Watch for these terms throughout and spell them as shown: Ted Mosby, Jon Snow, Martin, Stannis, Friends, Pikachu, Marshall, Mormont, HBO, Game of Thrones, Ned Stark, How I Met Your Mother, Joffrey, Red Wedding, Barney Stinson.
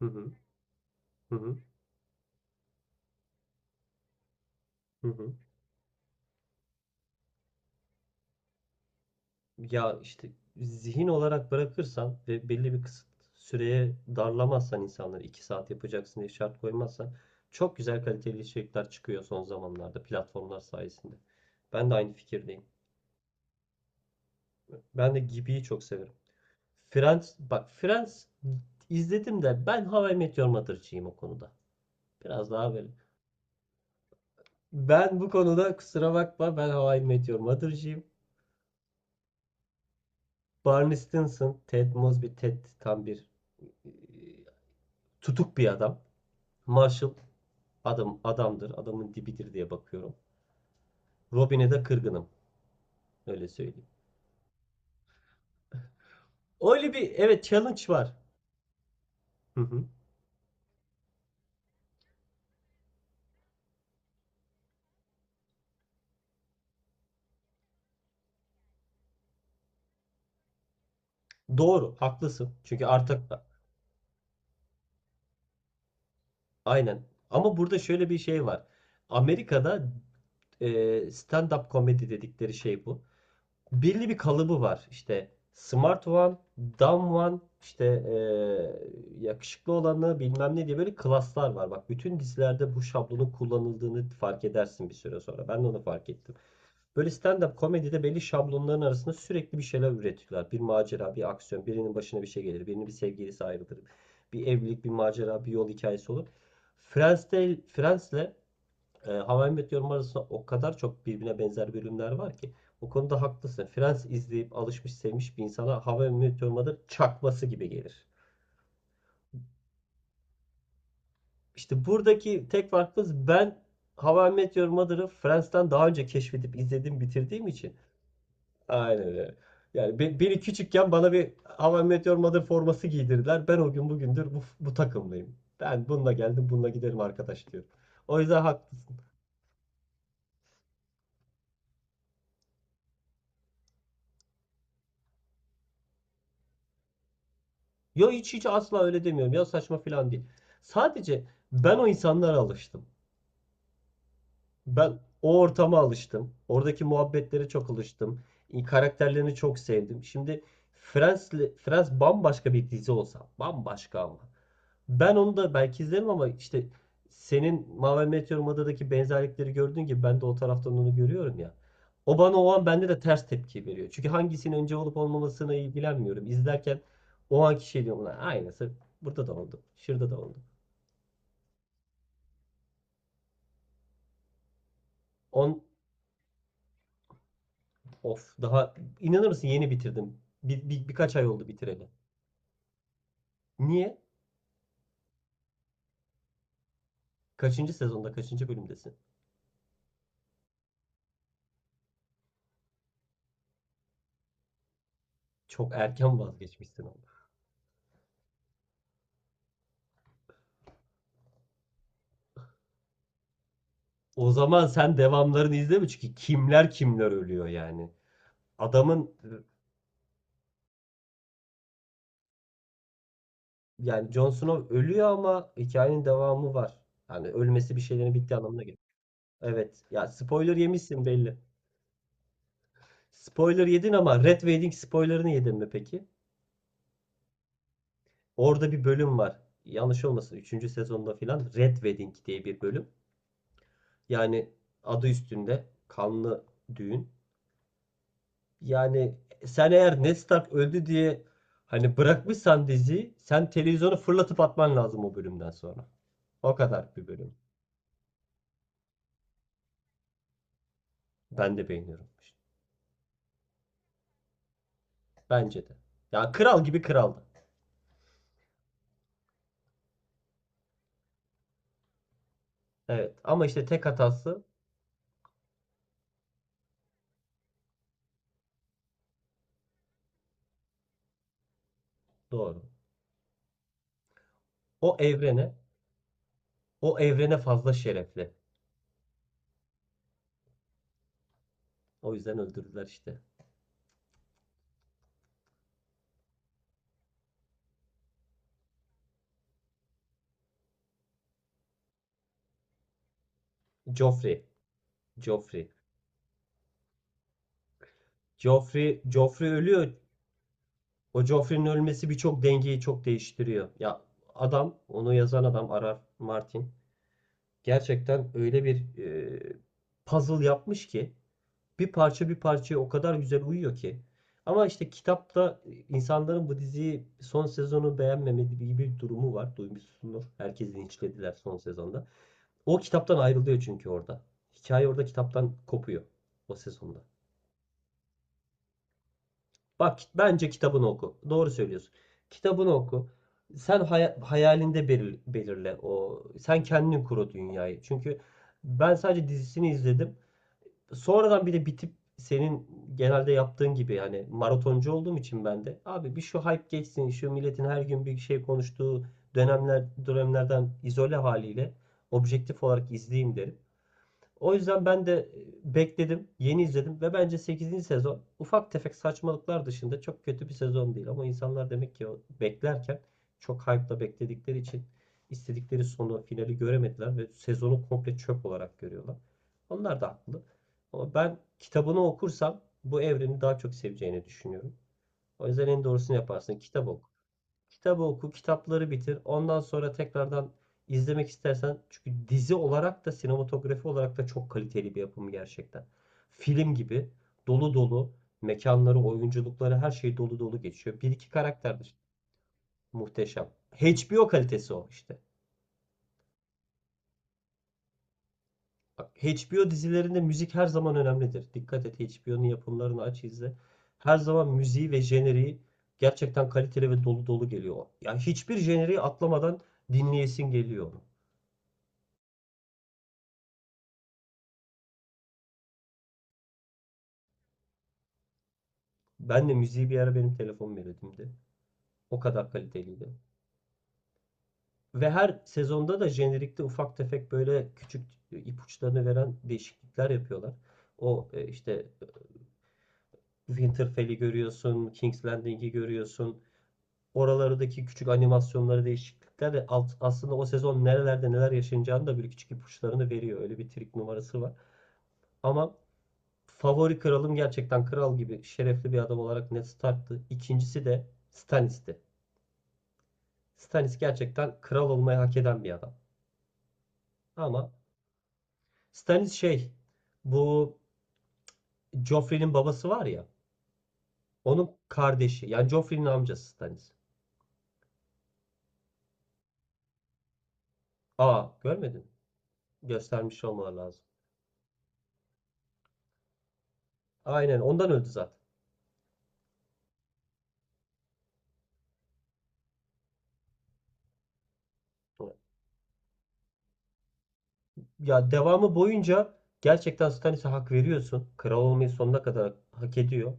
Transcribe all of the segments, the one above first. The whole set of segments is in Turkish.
Hı hı, hı hı, hı hı. Ya işte zihin olarak bırakırsan ve belli bir kısıt süreye darlamazsan insanları iki saat yapacaksın diye şart koymazsan çok güzel kaliteli içerikler çıkıyor son zamanlarda platformlar sayesinde. Ben de aynı fikirdeyim. Ben de Gibi'yi çok severim. Friends, bak Friends izledim de ben How I Met Your Mother'cıyım o konuda. Biraz daha böyle. Ben bu konuda kusura bakma, ben How I Met Your Mother'cıyım. Barney Stinson, Ted Mosby, Ted tam bir tutuk bir adam. Marshall adam adamdır. Adamın dibidir diye bakıyorum. Robin'e de kırgınım. Öyle söyleyeyim. Öyle bir evet challenge var. Hı hı. Doğru, haklısın. Çünkü artık aynen. Ama burada şöyle bir şey var. Amerika'da e, stand-up komedi dedikleri şey bu. Belli bir kalıbı var. İşte smart one, dumb one, işte yakışıklı olanı bilmem ne diye böyle klaslar var. Bak, bütün dizilerde bu şablonun kullanıldığını fark edersin bir süre sonra. Ben de onu fark ettim. Böyle stand-up komedide belli şablonların arasında sürekli bir şeyler üretiyorlar. Bir macera, bir aksiyon, birinin başına bir şey gelir, birinin bir sevgilisi ayrılır. Bir evlilik, bir macera, bir yol hikayesi olur. Friends'te, Friends'le How I Met Your Mother arasında o kadar çok birbirine benzer bölümler var ki. O konuda haklısın. Friends izleyip alışmış sevmiş bir insana How I Met Your Mother çakması gibi gelir. İşte buradaki tek farkımız ben How I Met Your Mother'ı Friends'ten daha önce keşfedip izledim bitirdiğim için. Aynen öyle. Yani beni küçükken bana bir How I Met Your Mother forması giydirdiler. Ben o gün bugündür bu takımlıyım. Ben bununla geldim bununla giderim arkadaş diyorum. O yüzden hak, ya hiç hiç asla öyle demiyorum ya, saçma falan değil. Sadece ben o insanlara alıştım. Ben o ortama alıştım. Oradaki muhabbetlere çok alıştım. Karakterlerini çok sevdim. Şimdi Friends, Friends bambaşka bir dizi olsa, bambaşka ama. Ben onu da belki izlerim ama işte senin Mavi Meteor Mada'daki benzerlikleri gördüğün gibi ben de o taraftan onu görüyorum ya. O bana o an bende de ters tepki veriyor. Çünkü hangisinin önce olup olmamasına ilgilenmiyorum. İzlerken o anki şey diyorum, lan aynısı burada da oldu. Şurada da oldu. On of, daha inanır mısın, yeni bitirdim. Birkaç ay oldu bitireli. Niye? Kaçıncı sezonda kaçıncı bölümdesin? Çok erken vazgeçmişsin ama. O zaman sen devamlarını izleme, çünkü kimler kimler ölüyor yani, adamın. Yani Jon Snow ölüyor ama hikayenin devamı var. Yani ölmesi bir şeylerin bittiği anlamına gelir. Evet. Ya spoiler yemişsin belli. Spoiler yedin ama Red Wedding spoilerını yedin mi peki? Orada bir bölüm var. Yanlış olmasın, üçüncü sezonda filan, Red Wedding diye bir bölüm. Yani adı üstünde, kanlı düğün. Yani sen eğer Ned Stark öldü diye hani bırakmışsan diziyi, sen televizyonu fırlatıp atman lazım o bölümden sonra. O kadar bir bölüm. Ben de beğeniyorum işte. Bence de. Ya kral gibi kraldı. Evet ama işte tek hatası doğru. O evrene, o evrene fazla şerefli. O yüzden öldürdüler işte. Joffrey, Joffrey. Joffrey, Joffrey ölüyor. O Joffrey'nin ölmesi birçok dengeyi çok değiştiriyor. Ya adam, onu yazan adam arar. Martin gerçekten öyle bir e, puzzle yapmış ki, bir parça bir parçaya o kadar güzel uyuyor ki. Ama işte kitapta insanların bu diziyi son sezonu beğenmemediği gibi bir durumu var. Duymuşsundur. Herkesi linçlediler son sezonda. O kitaptan ayrılıyor çünkü orada. Hikaye orada kitaptan kopuyor o sezonda. Bak bence kitabını oku. Doğru söylüyorsun. Kitabını oku. Sen hayalinde belirle o. Sen kendin kur o dünyayı. Çünkü ben sadece dizisini izledim. Sonradan bir de bitip senin genelde yaptığın gibi, yani maratoncu olduğum için ben de abi, bir şu hype geçsin, şu milletin her gün bir şey konuştuğu dönemler, dönemlerden izole haliyle objektif olarak izleyeyim derim. O yüzden ben de bekledim, yeni izledim ve bence sekizinci sezon ufak tefek saçmalıklar dışında çok kötü bir sezon değil. Ama insanlar demek ki o beklerken çok hype'la bekledikleri için istedikleri sonu, finali göremediler ve sezonu komple çöp olarak görüyorlar. Onlar da haklı. Ama ben kitabını okursam bu evreni daha çok seveceğini düşünüyorum. O yüzden en doğrusunu yaparsın. Kitap oku. Kitabı oku, kitapları bitir. Ondan sonra tekrardan izlemek istersen, çünkü dizi olarak da sinematografi olarak da çok kaliteli bir yapım gerçekten. Film gibi dolu dolu mekanları, oyunculukları, her şey dolu dolu geçiyor. Bir iki karakter de muhteşem. HBO kalitesi o işte. Bak, HBO dizilerinde müzik her zaman önemlidir. Dikkat et, HBO'nun yapımlarını aç izle. Her zaman müziği ve jeneriği gerçekten kaliteli ve dolu dolu geliyor. Ya hiçbir jeneriği atlamadan dinleyesin geliyor. Ben de müziği bir ara benim telefon melodimdi. O kadar kaliteliydi. Ve her sezonda da jenerikte ufak tefek böyle küçük ipuçlarını veren değişiklikler yapıyorlar. O işte Winterfell'i görüyorsun, King's Landing'i görüyorsun. Oralardaki küçük animasyonları, değişiklikler de aslında o sezon nerelerde neler yaşanacağını da böyle küçük ipuçlarını veriyor. Öyle bir trik numarası var. Ama favori kralım gerçekten kral gibi şerefli bir adam olarak Ned Stark'tı. İkincisi de Stannis'ti. Stannis gerçekten kral olmayı hak eden bir adam. Ama Stannis şey, bu Joffrey'nin babası var ya, onun kardeşi yani Joffrey'nin amcası Stannis. Aa, görmedin mi? Göstermiş olmaları lazım. Aynen, ondan öldü zaten. Ya devamı boyunca gerçekten Stannis'e hak veriyorsun. Kral olmayı sonuna kadar hak ediyor.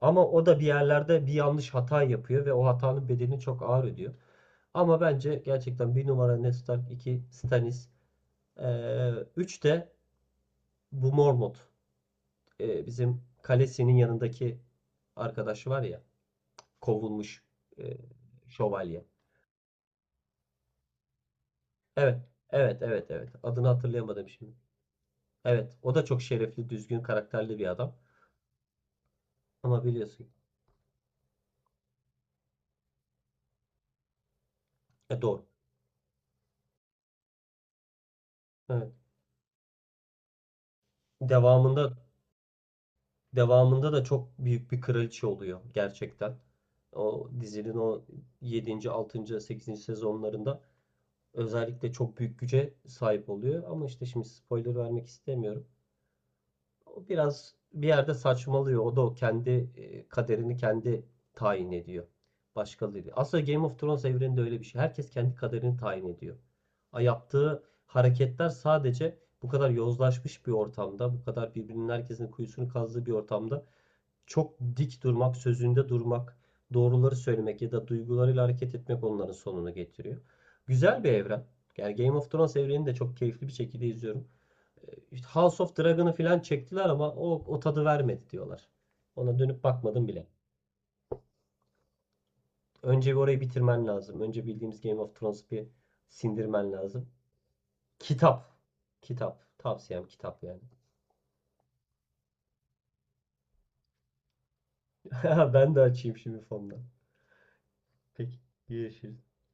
Ama o da bir yerlerde bir yanlış hata yapıyor ve o hatanın bedelini çok ağır ödüyor. Ama bence gerçekten bir numara Ned Stark, iki Stannis, üç de bu Mormont, bizim kalesinin yanındaki arkadaşı var ya, kovulmuş e, şövalye. Evet, evet, evet, evet. Adını hatırlayamadım şimdi. Evet, o da çok şerefli, düzgün, karakterli bir adam. Ama biliyorsun. E doğru. Evet. Devamında devamında da çok büyük bir kraliçe oluyor gerçekten. O dizinin o yedinci, 6. sekizinci sezonlarında özellikle çok büyük güce sahip oluyor. Ama işte şimdi spoiler vermek istemiyorum. O biraz bir yerde saçmalıyor. O da o kendi kaderini kendi tayin ediyor. Başkaları. Aslında Game of Thrones evreninde öyle bir şey. Herkes kendi kaderini tayin ediyor. A, yaptığı hareketler sadece bu kadar yozlaşmış bir ortamda, bu kadar birbirinin, herkesin kuyusunu kazdığı bir ortamda çok dik durmak, sözünde durmak, doğruları söylemek ya da duygularıyla hareket etmek onların sonunu getiriyor. Güzel bir evren. Yani Game of Thrones evrenini de çok keyifli bir şekilde izliyorum. İşte House of Dragon'ı falan çektiler ama o tadı vermedi diyorlar. Ona dönüp bakmadım bile. Önce bir orayı bitirmen lazım. Önce bildiğimiz Game of Thrones'u bir sindirmen lazım. Kitap. Kitap. Tavsiyem kitap yani. Ben de açayım şimdi fondan. Peki. Görüşürüz.